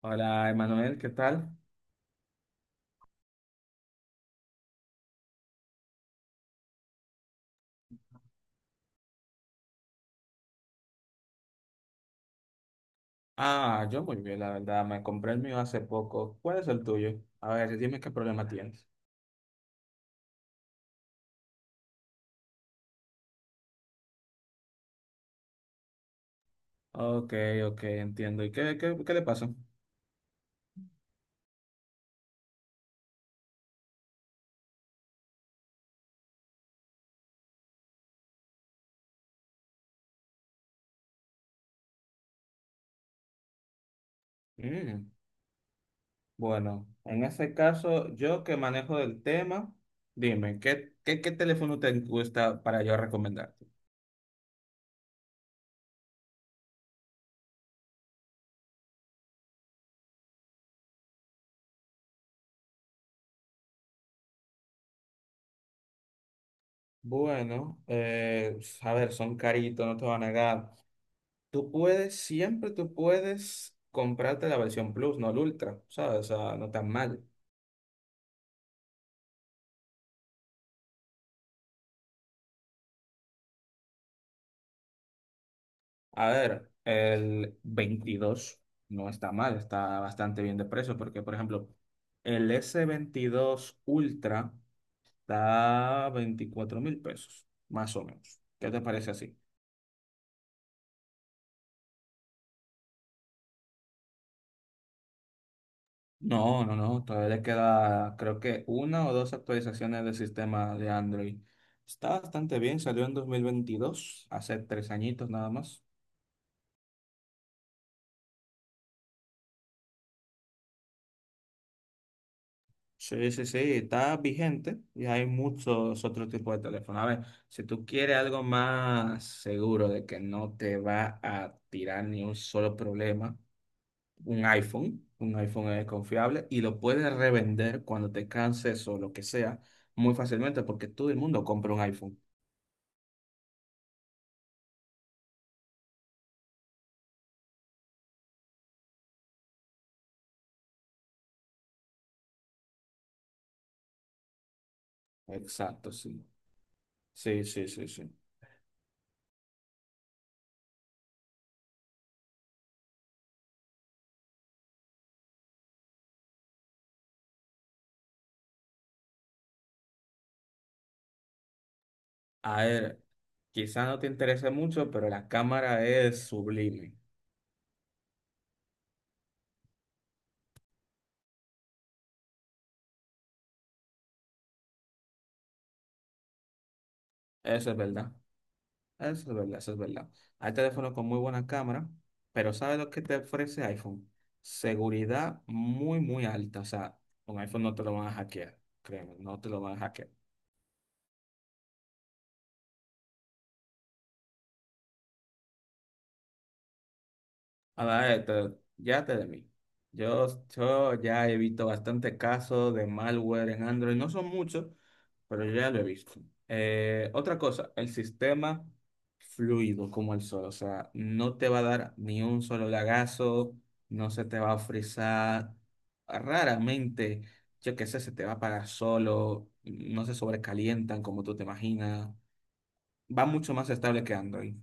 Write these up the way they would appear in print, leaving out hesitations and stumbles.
Hola, Emanuel, ¿qué tal? Ah, yo muy bien, la verdad. Me compré el mío hace poco. ¿Cuál es el tuyo? A ver, dime qué problema tienes. Ok, ok, entiendo. ¿Y qué le pasó? Mm, bueno, en ese caso, yo que manejo del tema, dime, ¿qué teléfono te gusta para yo recomendarte? Bueno, a ver, son caritos, no te van a negar. Tú puedes, siempre tú puedes comprarte la versión Plus, no el Ultra, ¿sabes? O sea, no tan mal. A ver, el 22 no está mal, está bastante bien de precio, porque, por ejemplo, el S22 Ultra está 24.000 pesos, más o menos. ¿Qué te parece así? No, no, no, todavía le queda, creo que una o dos actualizaciones del sistema de Android. Está bastante bien, salió en 2022, hace tres añitos nada más. Sí, sí, sí, está vigente y hay muchos otros tipos de teléfono. A ver, si tú quieres algo más seguro de que no te va a tirar ni un solo problema, un iPhone es confiable y lo puedes revender cuando te canses o lo que sea muy fácilmente porque todo el mundo compra un iPhone. Exacto, sí. Sí, sí, sí, sí. A ver, quizá no te interese mucho, pero la cámara es sublime. Eso es verdad. Ah, eso es verdad, eso es verdad. Hay teléfonos con muy buena cámara, pero ¿sabes lo que te ofrece iPhone? Seguridad muy, muy alta. O sea, un iPhone no te lo van a hackear, créeme, no te lo van a hackear. A ver, esto, ya te de mí. Yo ya he visto bastantes casos de malware en Android. No son muchos, pero yo ya lo he visto. Otra cosa, el sistema fluido como el sol. O sea, no te va a dar ni un solo lagazo, no se te va a frizar. Raramente, yo qué sé, se te va a apagar solo, no se sobrecalientan como tú te imaginas. Va mucho más estable que Android.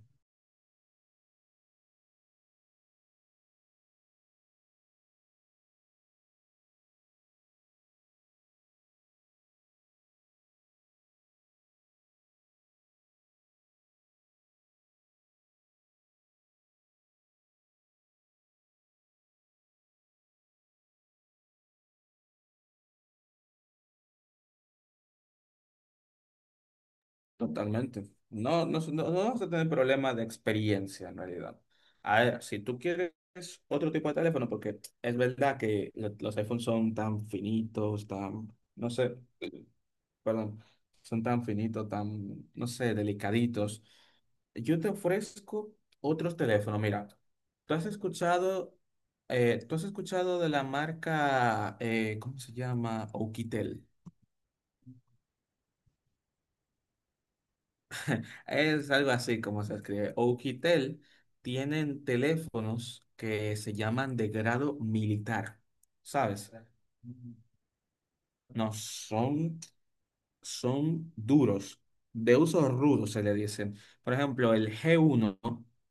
Totalmente. No, no, no, no vas a tener problemas de experiencia en realidad. A ver, si tú quieres otro tipo de teléfono, porque es verdad que los iPhones son tan finitos, tan, no sé, perdón, son tan finitos, tan, no sé, delicaditos. Yo te ofrezco otros teléfonos. Mira, tú has escuchado, tú has escuchado de la marca, ¿cómo se llama? Oukitel. Es algo así como se escribe. Oukitel tienen teléfonos que se llaman de grado militar, ¿sabes? No, son duros, de uso rudo se le dicen. Por ejemplo, el G1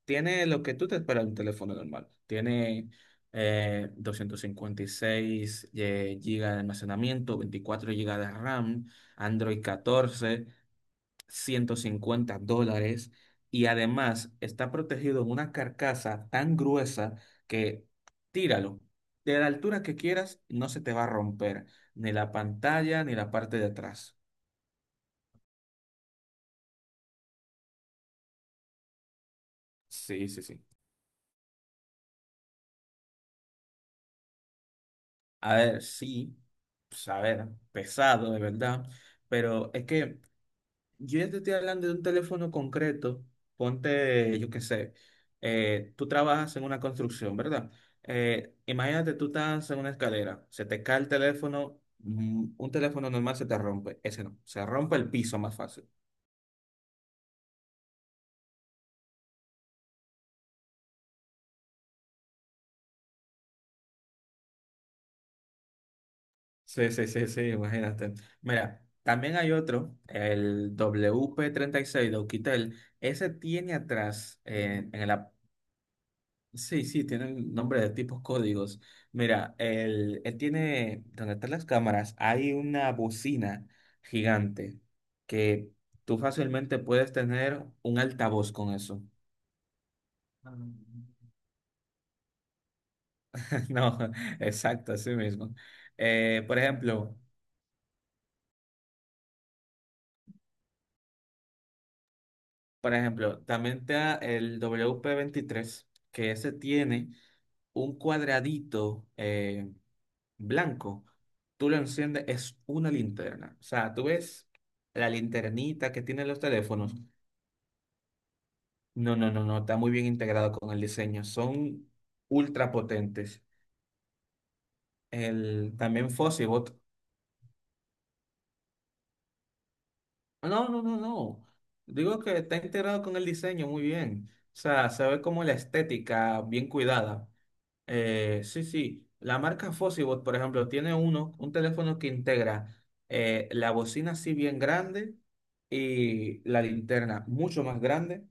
tiene lo que tú te esperas de un teléfono normal. Tiene 256 gigas de almacenamiento, 24 gigas de RAM, Android 14, 150 dólares, y además está protegido en una carcasa tan gruesa que tíralo. De la altura que quieras, no se te va a romper ni la pantalla ni la parte de atrás. Sí, sí, sí. A ver, sí, pues, a ver, pesado de verdad, pero es que yo ya te estoy hablando de un teléfono concreto. Ponte, yo qué sé, tú trabajas en una construcción, ¿verdad? Imagínate, tú estás en una escalera, se te cae el teléfono, un teléfono normal se te rompe, ese no, se rompe el piso más fácil. Sí, sí, sí, sí, imagínate. Mira, también hay otro, el WP36 de Oukitel, ese tiene atrás, en el. Sí, sí, tienen nombre de tipos códigos. Mira, él tiene, donde están las cámaras, hay una bocina gigante que tú fácilmente puedes tener un altavoz con eso. Ah. No, exacto, así mismo. Eh, por ejemplo, por ejemplo, también está el WP23 que ese tiene un cuadradito blanco, tú lo enciendes, es una linterna. O sea, tú ves la linternita que tienen los teléfonos. No, no, no, no, está muy bien integrado con el diseño. Son ultra potentes. El, también Fossibot. No, no, no, no. Digo que está integrado con el diseño muy bien. O sea, se ve como la estética bien cuidada. Sí, sí. La marca Fossibot, por ejemplo, tiene un teléfono que integra la bocina así bien grande y la linterna mucho más grande.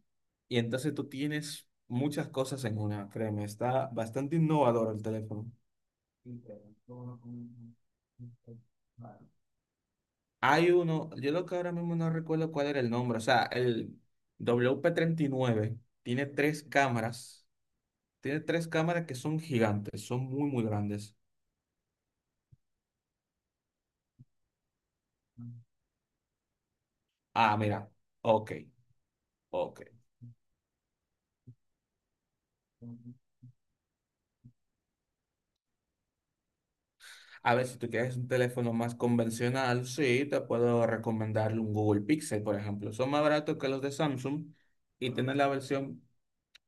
Y entonces tú tienes muchas cosas en una, créeme. Está bastante innovador el teléfono. Hay uno, yo lo que ahora mismo no recuerdo cuál era el nombre, o sea, el WP9 tiene tres cámaras que son gigantes, son muy, muy grandes. Ah, mira. Ok, ok. A ver, si tú quieres un teléfono más convencional, sí, te puedo recomendar un Google Pixel, por ejemplo. Son más baratos que los de Samsung y tienen la versión,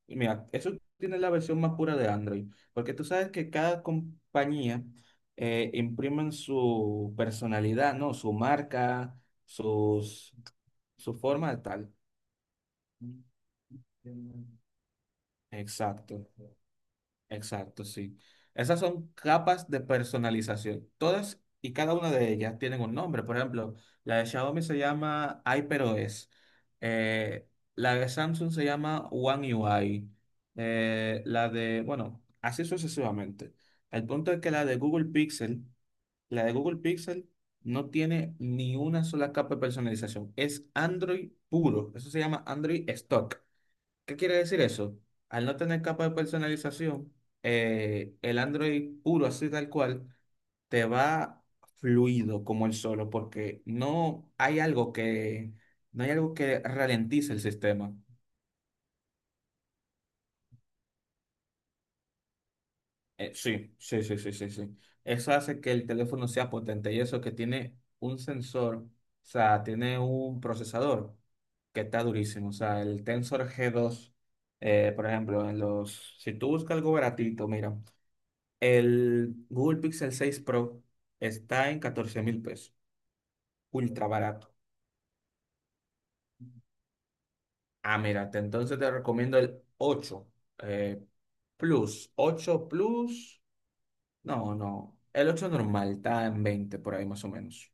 y mira, eso tiene la versión más pura de Android, porque tú sabes que cada compañía imprimen su personalidad, ¿no? Su marca, sus, su forma de tal. Exacto. Exacto, sí. Esas son capas de personalización. Todas y cada una de ellas tienen un nombre. Por ejemplo, la de Xiaomi se llama HyperOS. Eh, la de Samsung se llama One UI. La de, bueno, así sucesivamente. El punto es que la de Google Pixel no tiene ni una sola capa de personalización. Es Android puro. Eso se llama Android Stock. ¿Qué quiere decir eso? Al no tener capa de personalización, el Android puro, así tal cual, te va fluido como el solo, porque no hay algo que ralentice el sistema. Sí, sí, sí, sí, sí, sí. Eso hace que el teléfono sea potente y eso que tiene un sensor, o sea, tiene un procesador que está durísimo. O sea, el Tensor G2, por ejemplo, en los, si tú buscas algo baratito, mira. El Google Pixel 6 Pro está en 14.000 pesos, ultra barato. Ah, mira, entonces te recomiendo el 8 eh, Plus. 8 Plus, no, no. El 8 normal está en 20 por ahí más o menos.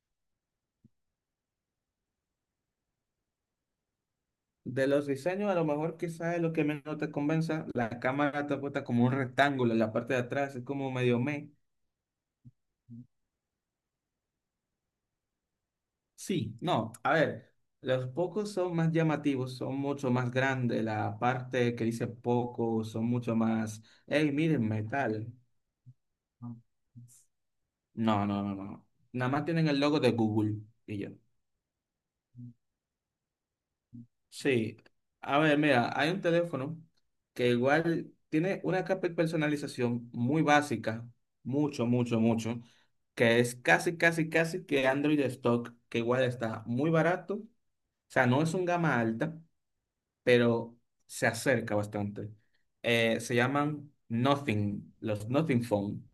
De los diseños, a lo mejor quizás es lo que menos te convenza. La cámara te apuesta como un rectángulo en la parte de atrás, es como medio meh. Sí, no, a ver, los pocos son más llamativos, son mucho más grandes, la parte que dice poco son mucho más, hey, mírenme, tal. No, no, no, no. Nada más tienen el logo de Google y yo. Sí, a ver, mira, hay un teléfono que igual tiene una capa de personalización muy básica, mucho, mucho, mucho, que es casi, casi, casi que Android de stock, que igual está muy barato, o sea, no es un gama alta, pero se acerca bastante. Se llaman Nothing, los Nothing Phone.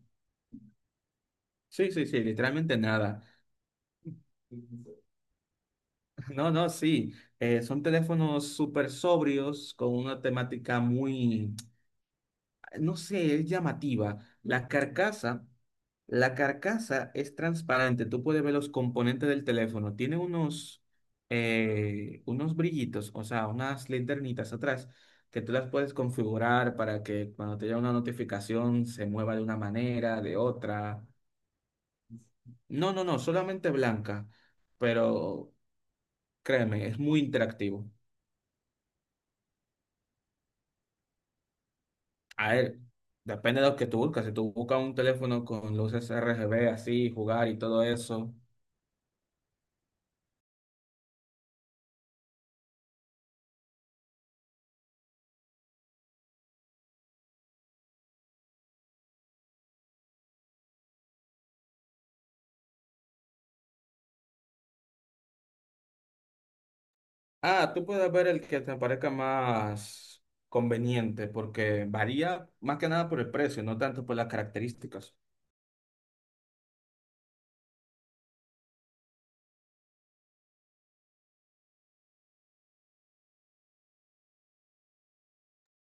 Sí, sí, sí, literalmente nada. No, no, sí. Son teléfonos súper sobrios con una temática muy, no sé, es llamativa. La carcasa es transparente. Tú puedes ver los componentes del teléfono. Tiene unos brillitos, o sea, unas linternitas atrás que tú las puedes configurar para que cuando te llegue una notificación se mueva de una manera, de otra. No, no, no, solamente blanca. Pero créeme, es muy interactivo. A ver, depende de lo que tú buscas. Si tú buscas un teléfono con luces R G B así, jugar y todo eso. Ah, tú puedes ver el que te parezca más conveniente, porque varía más que nada por el precio, no tanto por las características.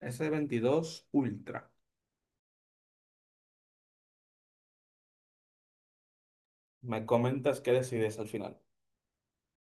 S22 Ultra. Me comentas qué decides al final.